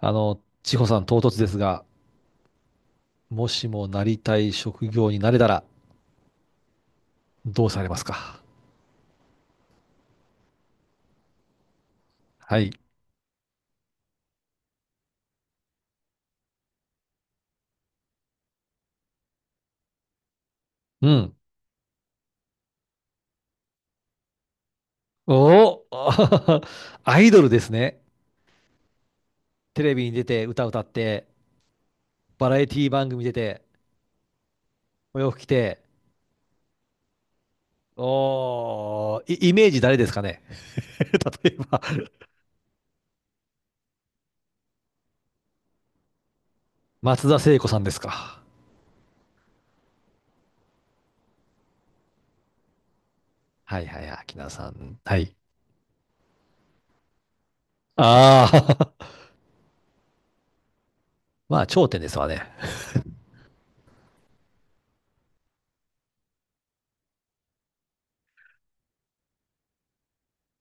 千穂さん、唐突ですが、もしもなりたい職業になれたら、どうされますか？はい。うん。おお。 アイドルですね。テレビに出て、歌歌って、バラエティ番組出て、お洋服着て、おー、イイメージ誰ですかね？ 例えば、松田聖子さんですか。はいはいはい、秋名さん。はい。ああ。 まあ、頂点ですわね。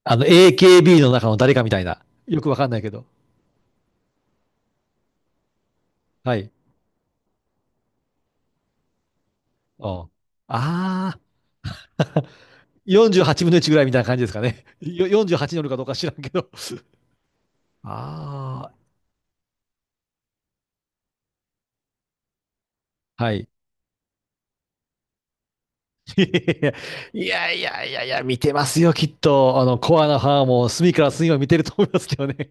AKB の中の誰かみたいな。よくわかんないけど。はい。ああー、48分の1ぐらいみたいな感じですかね。よ48に乗るかどうか知らんけど。ああ、はい。いやいやいやいや、見てますよ、きっと。コアなファンも隅から隅を見てると思いますけどね。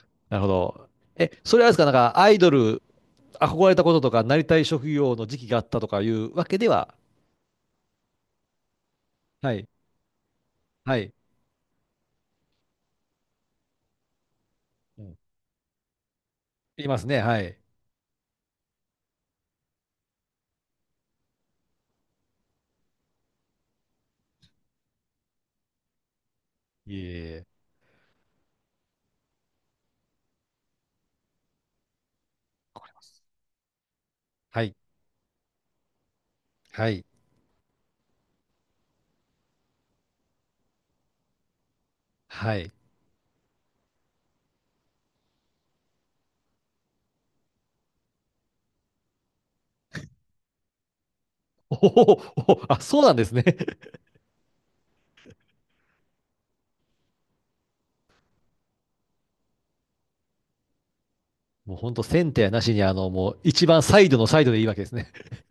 なるほど。え、それはあれですか、なんか、アイドル、憧れたこととか、なりたい職業の時期があったとかいうわけでは、はい、はい、うん、いますね、はい。いえいえ、これはい、はい、はい。おお、おおあ、そうなんですね。もうほんとセンターなしに、もう一番サイドのサイドでいいわけですね。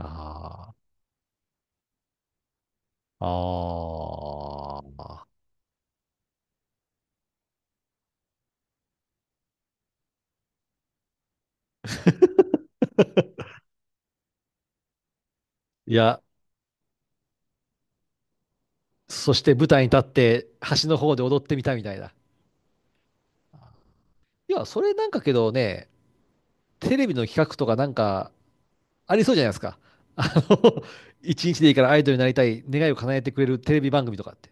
ああ、ああ。いや、そして舞台に立って橋の方で踊ってみたみたいな。いや、それなんかけどね、テレビの企画とかなんかありそうじゃないですか。あの、一日でいいからアイドルになりたい願いを叶えてくれるテレビ番組とかって。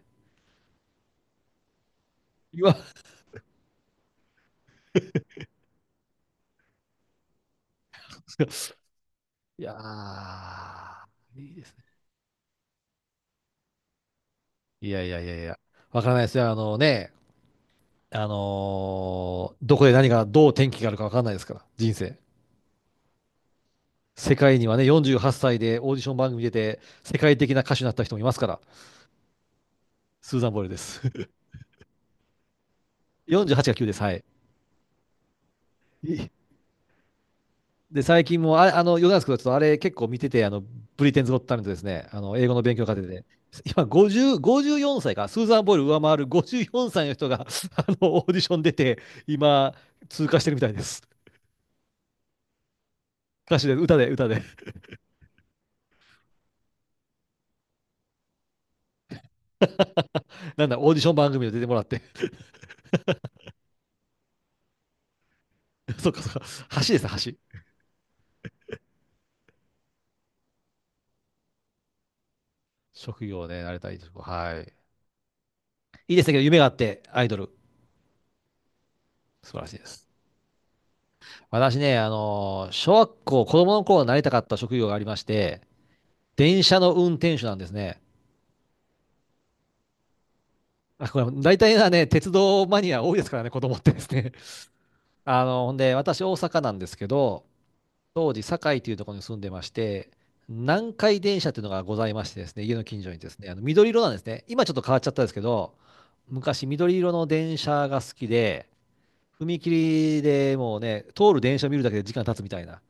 いや、いやーいいですね。いやいやいやいや、わからないですよ。あのね、どこで何が、どう転機があるか分かんないですから、人生。世界にはね、48歳でオーディション番組出て、世界的な歌手になった人もいますから、スーザン・ボイルです。48が9です、はい。で、最近も、あれ、余談ですけど、ちょっとあれ結構見てて、ブリテンズ・ゴット・タレントですね、英語の勉強家庭で、今50、54歳か、スーザン・ボイル上回る54歳の人が、オーディション出て、今、通過してるみたいです。歌手で、歌で、歌で。なんだ、オーディション番組で出てもらって。そっかそっか。橋ですね、橋。職業ね、なれたい職。はい。いいですねけど、夢があって、アイドル。素晴らしいです。私ね、小学校、子供の頃なりたかった職業がありまして、電車の運転手なんですね。あ、これ、大体はね、鉄道マニア多いですからね、子供ってですね。ほんで、私、大阪なんですけど、当時、堺というところに住んでまして、南海電車というのがございましてですね、家の近所にですね、あの緑色なんですね。今ちょっと変わっちゃったんですけど、昔、緑色の電車が好きで、踏切でもうね、通る電車見るだけで時間経つみたいな。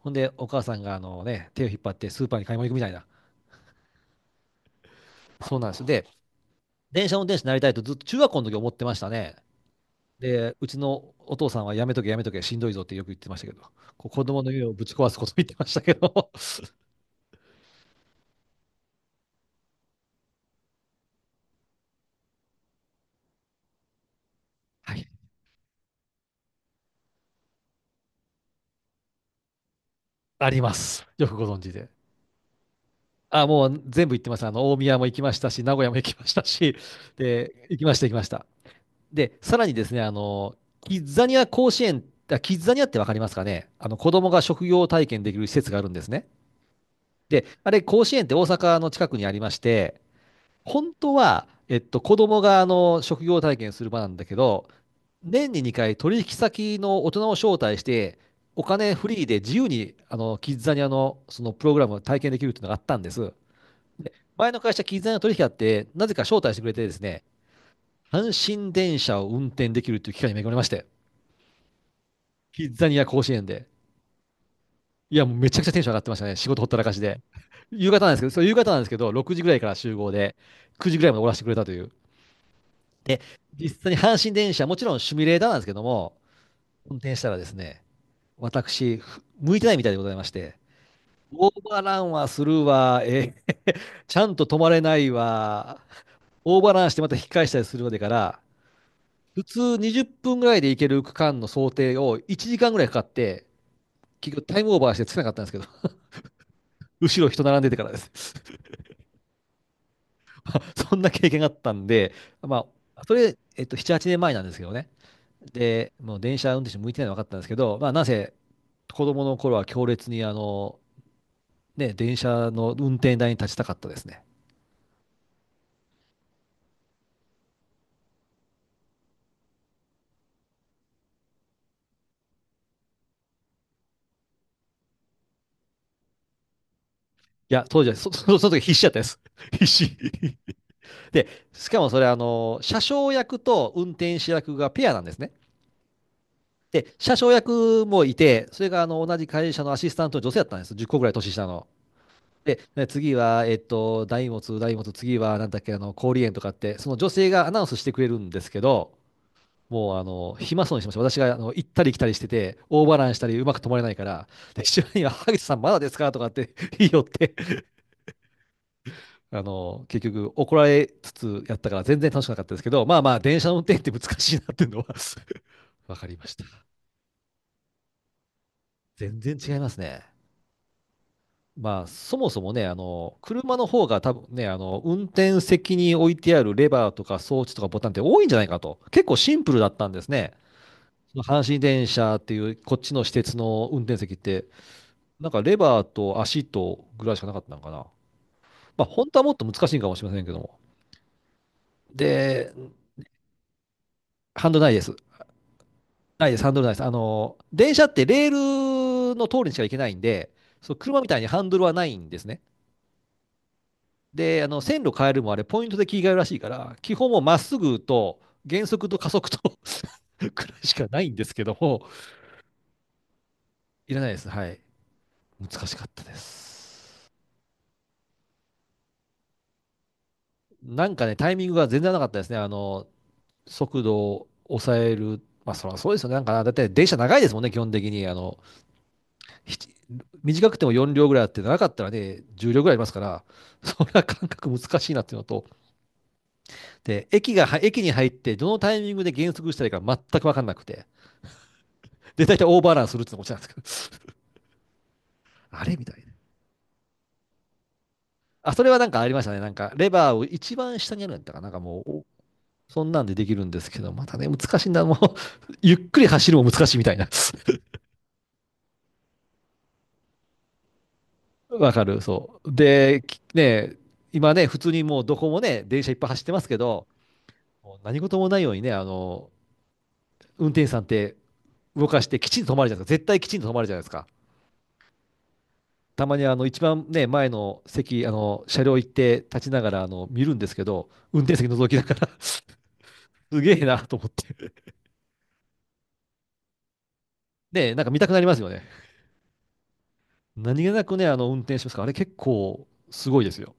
ほんで、お母さんがあのね、手を引っ張ってスーパーに買い物行くみたいな。そうなんですよ。で、電車運転手になりたいとずっと中学校の時思ってましたね。で、うちのお父さんはやめとけやめとけしんどいぞってよく言ってましたけど、こう子供の夢をぶち壊すこと言ってましたけど、はい、あります。よくご存知で。あ、もう全部行ってます。大宮も行きましたし、名古屋も行きましたし、で、行きました行きました。で、さらにですね、キッザニア甲子園、キッザニアってわかりますかね、あの、子供が職業体験できる施設があるんですね。で、あれ、甲子園って大阪の近くにありまして、本当は、子供があの、職業体験する場なんだけど、年に2回取引先の大人を招待して、お金フリーで自由に、キッザニアのそのプログラムを体験できるっていうのがあったんです。で、前の会社、キッザニアの取引あって、なぜか招待してくれてですね、阪神電車を運転できるっていう機会に恵まれまして、キッザニア甲子園で。いや、もうめちゃくちゃテンション上がってましたね。仕事ほったらかしで。夕方なんですけど、そう夕方なんですけど、6時ぐらいから集合で、9時ぐらいまで終わらせてくれたという。で、実際に阪神電車、もちろんシミュレーターなんですけども、運転したらですね、私、向いてないみたいでございまして、オーバーランはするわ、え、ちゃんと止まれないわ、オーバーランしてまた引き返したりするまでから、普通20分ぐらいで行ける区間の想定を1時間ぐらいかかって、結局タイムオーバーしてつけなかったんですけど、後ろ人並んでてからです。そんな経験があったんで、まあ、それ、7、8年前なんですけどね。で、もう電車運転手向いてないの分かったんですけど、まあ、なぜ子供の頃は強烈に、ね、電車の運転台に立ちたかったですね。いや、当時は、そ、そその時必死だったです。必死。で、しかもそれ、車掌役と運転手役がペアなんですね。で、車掌役もいて、それが、同じ会社のアシスタントの女性だったんです。10個ぐらい年下の。で、ね次は、大物、大物、次は、なんだっけ、氷園とかって、その女性がアナウンスしてくれるんですけど、もう、暇そうにしてました。私が、行ったり来たりしてて、オーバーランしたり、うまく止まれないから、で、一緒には、萩田さんまだですかとかって 言いよって、結局、怒られつつやったから、全然楽しくなかったですけど、まあまあ、電車の運転って難しいなっていうのは わかりました。全然違いますね。まあ、そもそもね、車の方が多分ね、運転席に置いてあるレバーとか装置とかボタンって多いんじゃないかと。結構シンプルだったんですね。その阪神電車っていう、こっちの私鉄の運転席って、なんかレバーと足とぐらいしかなかったのかな。まあ、本当はもっと難しいかもしれませんけども。で、ハンドルないです。ないです、ハンドルないです。電車ってレールの通りにしか行けないんで、そう、車みたいにハンドルはないんですね。で、線路変えるもあれ、ポイントで切り替えるらしいから、基本もまっすぐと、減速と加速と くらいしかないんですけども、いらないです。はい。難しかったです。なんかね、タイミングが全然なかったですね。速度を抑える。まあ、そらそうですよね。なんかな、だって電車長いですもんね、基本的に。ひ短くても4両ぐらいあって、長かったらね、10両ぐらいありますから、そんな感覚難しいなっていうのと、で、駅が、駅に入って、どのタイミングで減速したらいいか全く分かんなくて。で、大体オーバーランするってのも落ちなんですけど、あれみたいな。あ、それはなんかありましたね。なんか、レバーを一番下にあるんだったかな。なんかもう、おそんなんでできるんですけど、またね、難しいんだ。もう、ゆっくり走るも難しいみたいな。わかる、そう。で、ね、今ね、普通にもうどこもね、電車いっぱい走ってますけど、もう何事もないようにね、運転手さんって動かしてきちんと止まるじゃないですか。絶対きちんと止まるじゃないですか。たまにあの一番ね、前の席、車両行って立ちながら、見るんですけど、運転席覗きながらすげえなと思って。で、なんか見たくなりますよね。何気なくね、運転しますから、あれ結構すごいですよ。